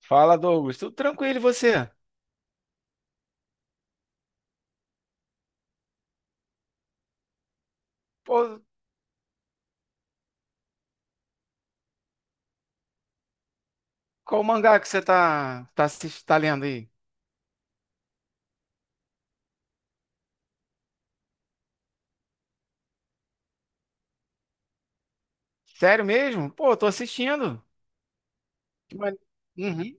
Fala, Douglas. Tudo tranquilo e você? Pô, qual mangá que você tá lendo aí? Sério mesmo? Pô, tô assistindo. Que mane- Uhum.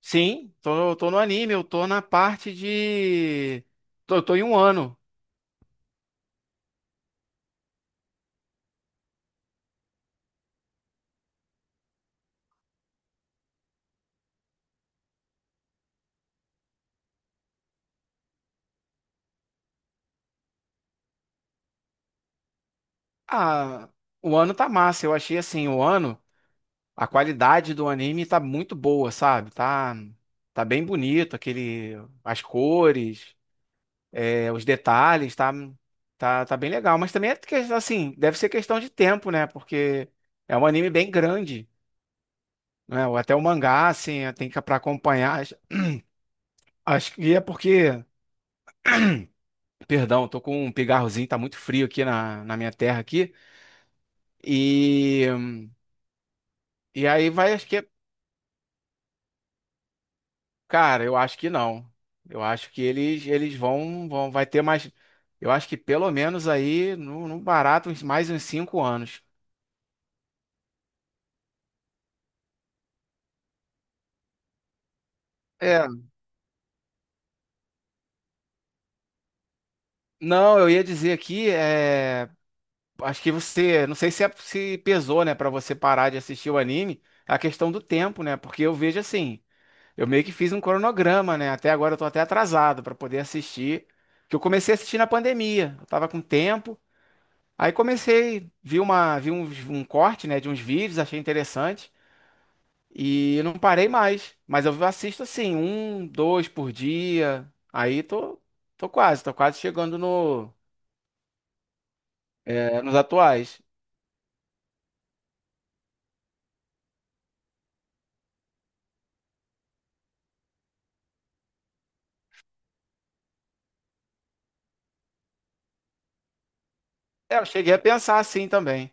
Sim, tô no anime, eu tô na parte de. Tô em um ano. Ah, o ano tá massa. Eu achei assim, o ano, a qualidade do anime tá muito boa, sabe? Tá, tá bem bonito, aquele, as cores. É, os detalhes, tá bem legal. Mas também é que, assim, deve ser questão de tempo, né? Porque é um anime bem grande, né? Ou até o mangá, assim, tem que para acompanhar. Acho que é porque, perdão, tô com um pigarrozinho, tá muito frio aqui na minha terra aqui. E e aí vai, acho que, cara, eu acho que não. Eu acho que eles vão vão vai ter mais, eu acho que pelo menos aí, no barato, mais uns 5 anos. É, não, eu ia dizer aqui, acho que você, não sei se, se pesou, né, pra você parar de assistir o anime, a questão do tempo, né? Porque eu vejo assim, eu meio que fiz um cronograma, né? Até agora eu tô até atrasado pra poder assistir, que eu comecei a assistir na pandemia. Eu tava com tempo, aí comecei, vi uma, vi uns- um, corte, né, de uns vídeos, achei interessante e não parei mais. Mas eu assisto assim, um, dois por dia. Aí tô quase chegando no, nos atuais. É, eu cheguei a pensar assim também.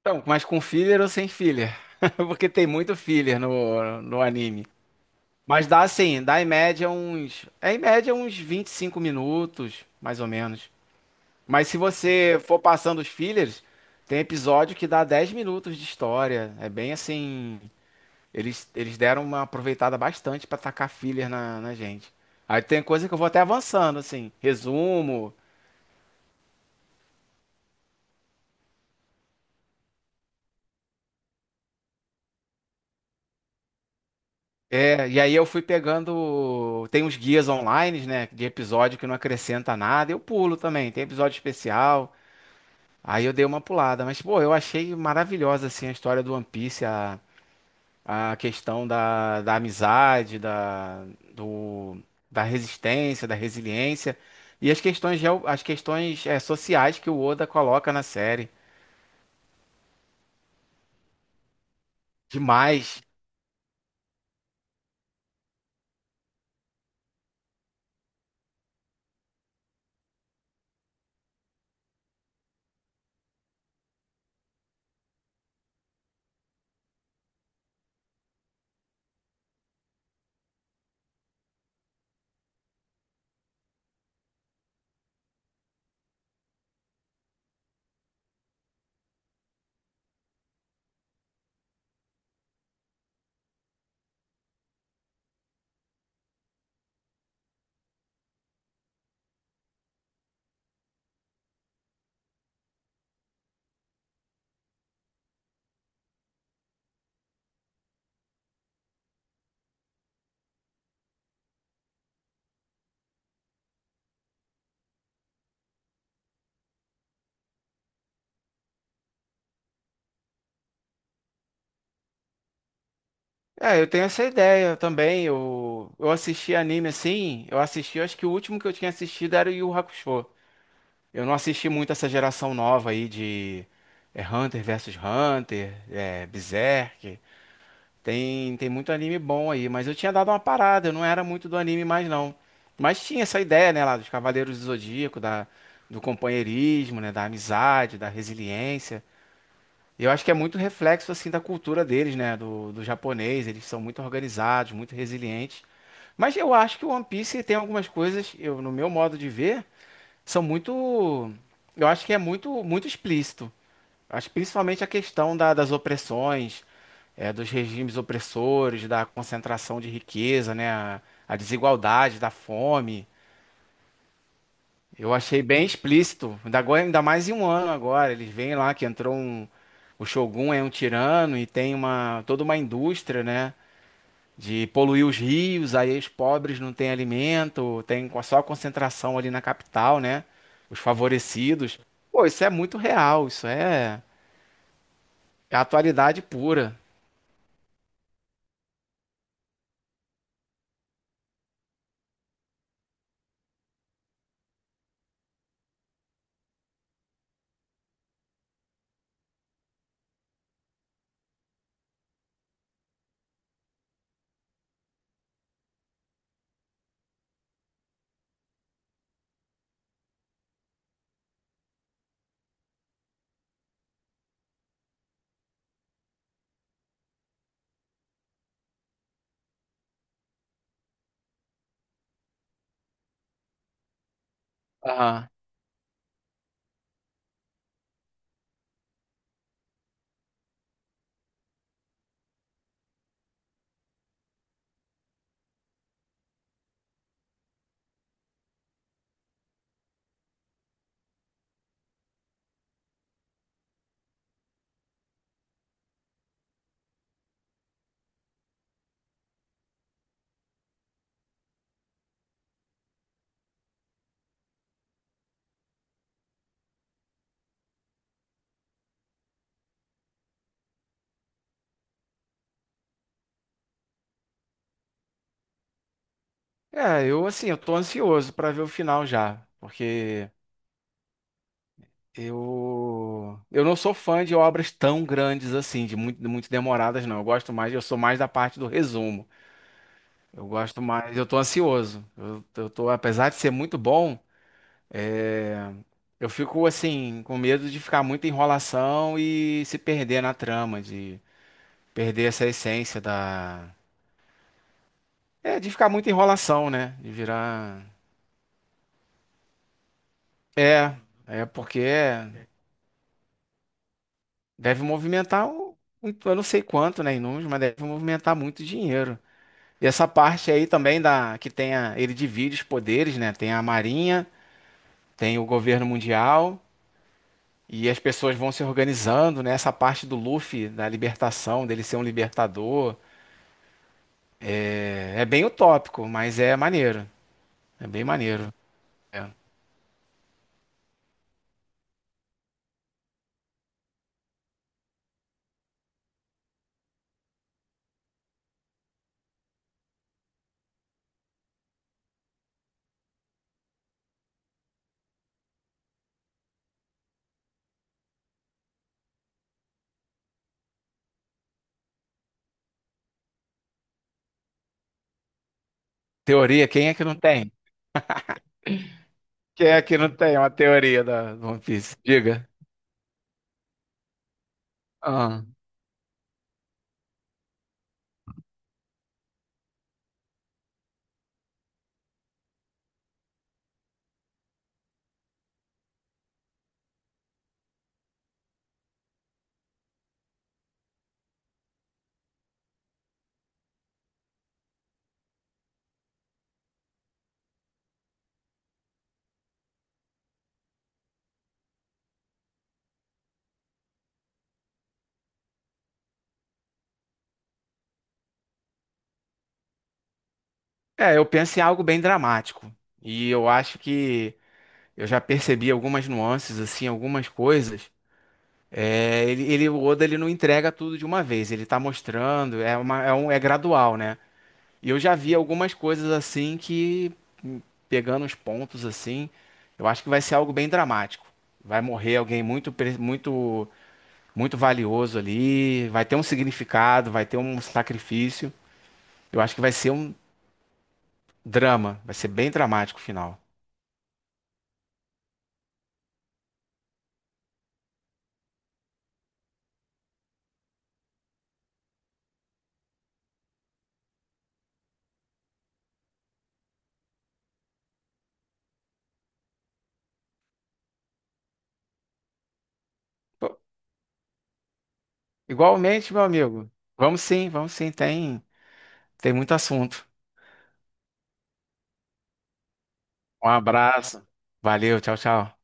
Então, mas com filler ou sem filler? Porque tem muito filler no anime. Mas dá assim, dá em média uns. É em média uns 25 minutos, mais ou menos. Mas se você for passando os fillers, tem episódio que dá 10 minutos de história. É bem assim. Eles deram uma aproveitada bastante pra tacar filler na gente. Aí tem coisa que eu vou até avançando, assim. Resumo. É, e aí eu fui pegando. Tem uns guias online, né? De episódio que não acrescenta nada. Eu pulo também, tem episódio especial. Aí eu dei uma pulada. Mas, pô, eu achei maravilhosa, assim, a história do One Piece, a questão da amizade, do, da resistência, da resiliência. E as questões, sociais que o Oda coloca na série. Demais. É, eu tenho essa ideia também. Eu assisti anime assim, eu assisti, eu acho que o último que eu tinha assistido era o Yu Hakusho. Eu não assisti muito essa geração nova aí de Hunter versus Hunter, Berserk. Tem muito anime bom aí, mas eu tinha dado uma parada, eu não era muito do anime mais não. Mas tinha essa ideia, né, lá dos Cavaleiros do Zodíaco, do companheirismo, né, da amizade, da resiliência. Eu acho que é muito reflexo assim da cultura deles, né? Do japonês, eles são muito organizados, muito resilientes. Mas eu acho que o One Piece tem algumas coisas, eu, no meu modo de ver, são muito. Eu acho que é muito, muito explícito. Acho que principalmente a questão das opressões, dos regimes opressores, da concentração de riqueza, né? A desigualdade, da fome. Eu achei bem explícito. Ainda agora, ainda mais em um ano agora. Eles veem lá que entrou um. O Shogun é um tirano e tem uma toda uma indústria, né? De poluir os rios, aí os pobres não têm alimento, tem só concentração ali na capital, né? Os favorecidos. Pô, isso é muito real, isso é atualidade pura. Aham. É, eu assim, eu tô ansioso pra ver o final já, porque eu não sou fã de obras tão grandes assim, de muito, muito demoradas, não. Eu gosto mais, eu sou mais da parte do resumo. Eu gosto mais, eu tô ansioso. Eu tô, apesar de ser muito bom, é, eu fico assim, com medo de ficar muita enrolação e se perder na trama, de perder essa essência da. É, de ficar muita enrolação, né? De virar. É, é porque deve movimentar, eu não sei quanto, né, em números, mas deve movimentar muito dinheiro. E essa parte aí também da que tem a, ele divide os poderes, né? Tem a Marinha, tem o governo mundial e as pessoas vão se organizando, né? Essa parte do Luffy, da libertação, dele ser um libertador, é bem utópico, mas é maneiro. É bem maneiro. É. Teoria, quem é que não tem? Quem é que não tem uma teoria da do One Piece? Diga. Ah. É, eu penso em algo bem dramático. E eu acho que eu já percebi algumas nuances, assim, algumas coisas. É, o Oda ele não entrega tudo de uma vez, ele tá mostrando, é gradual, né? E eu já vi algumas coisas assim que, hum, pegando os pontos assim, eu acho que vai ser algo bem dramático. Vai morrer alguém muito, muito, muito valioso ali, vai ter um significado, vai ter um sacrifício. Eu acho que vai ser um drama, vai ser bem dramático o final. Pô, igualmente, meu amigo. Vamos sim, tem muito assunto. Um abraço, valeu, tchau, tchau.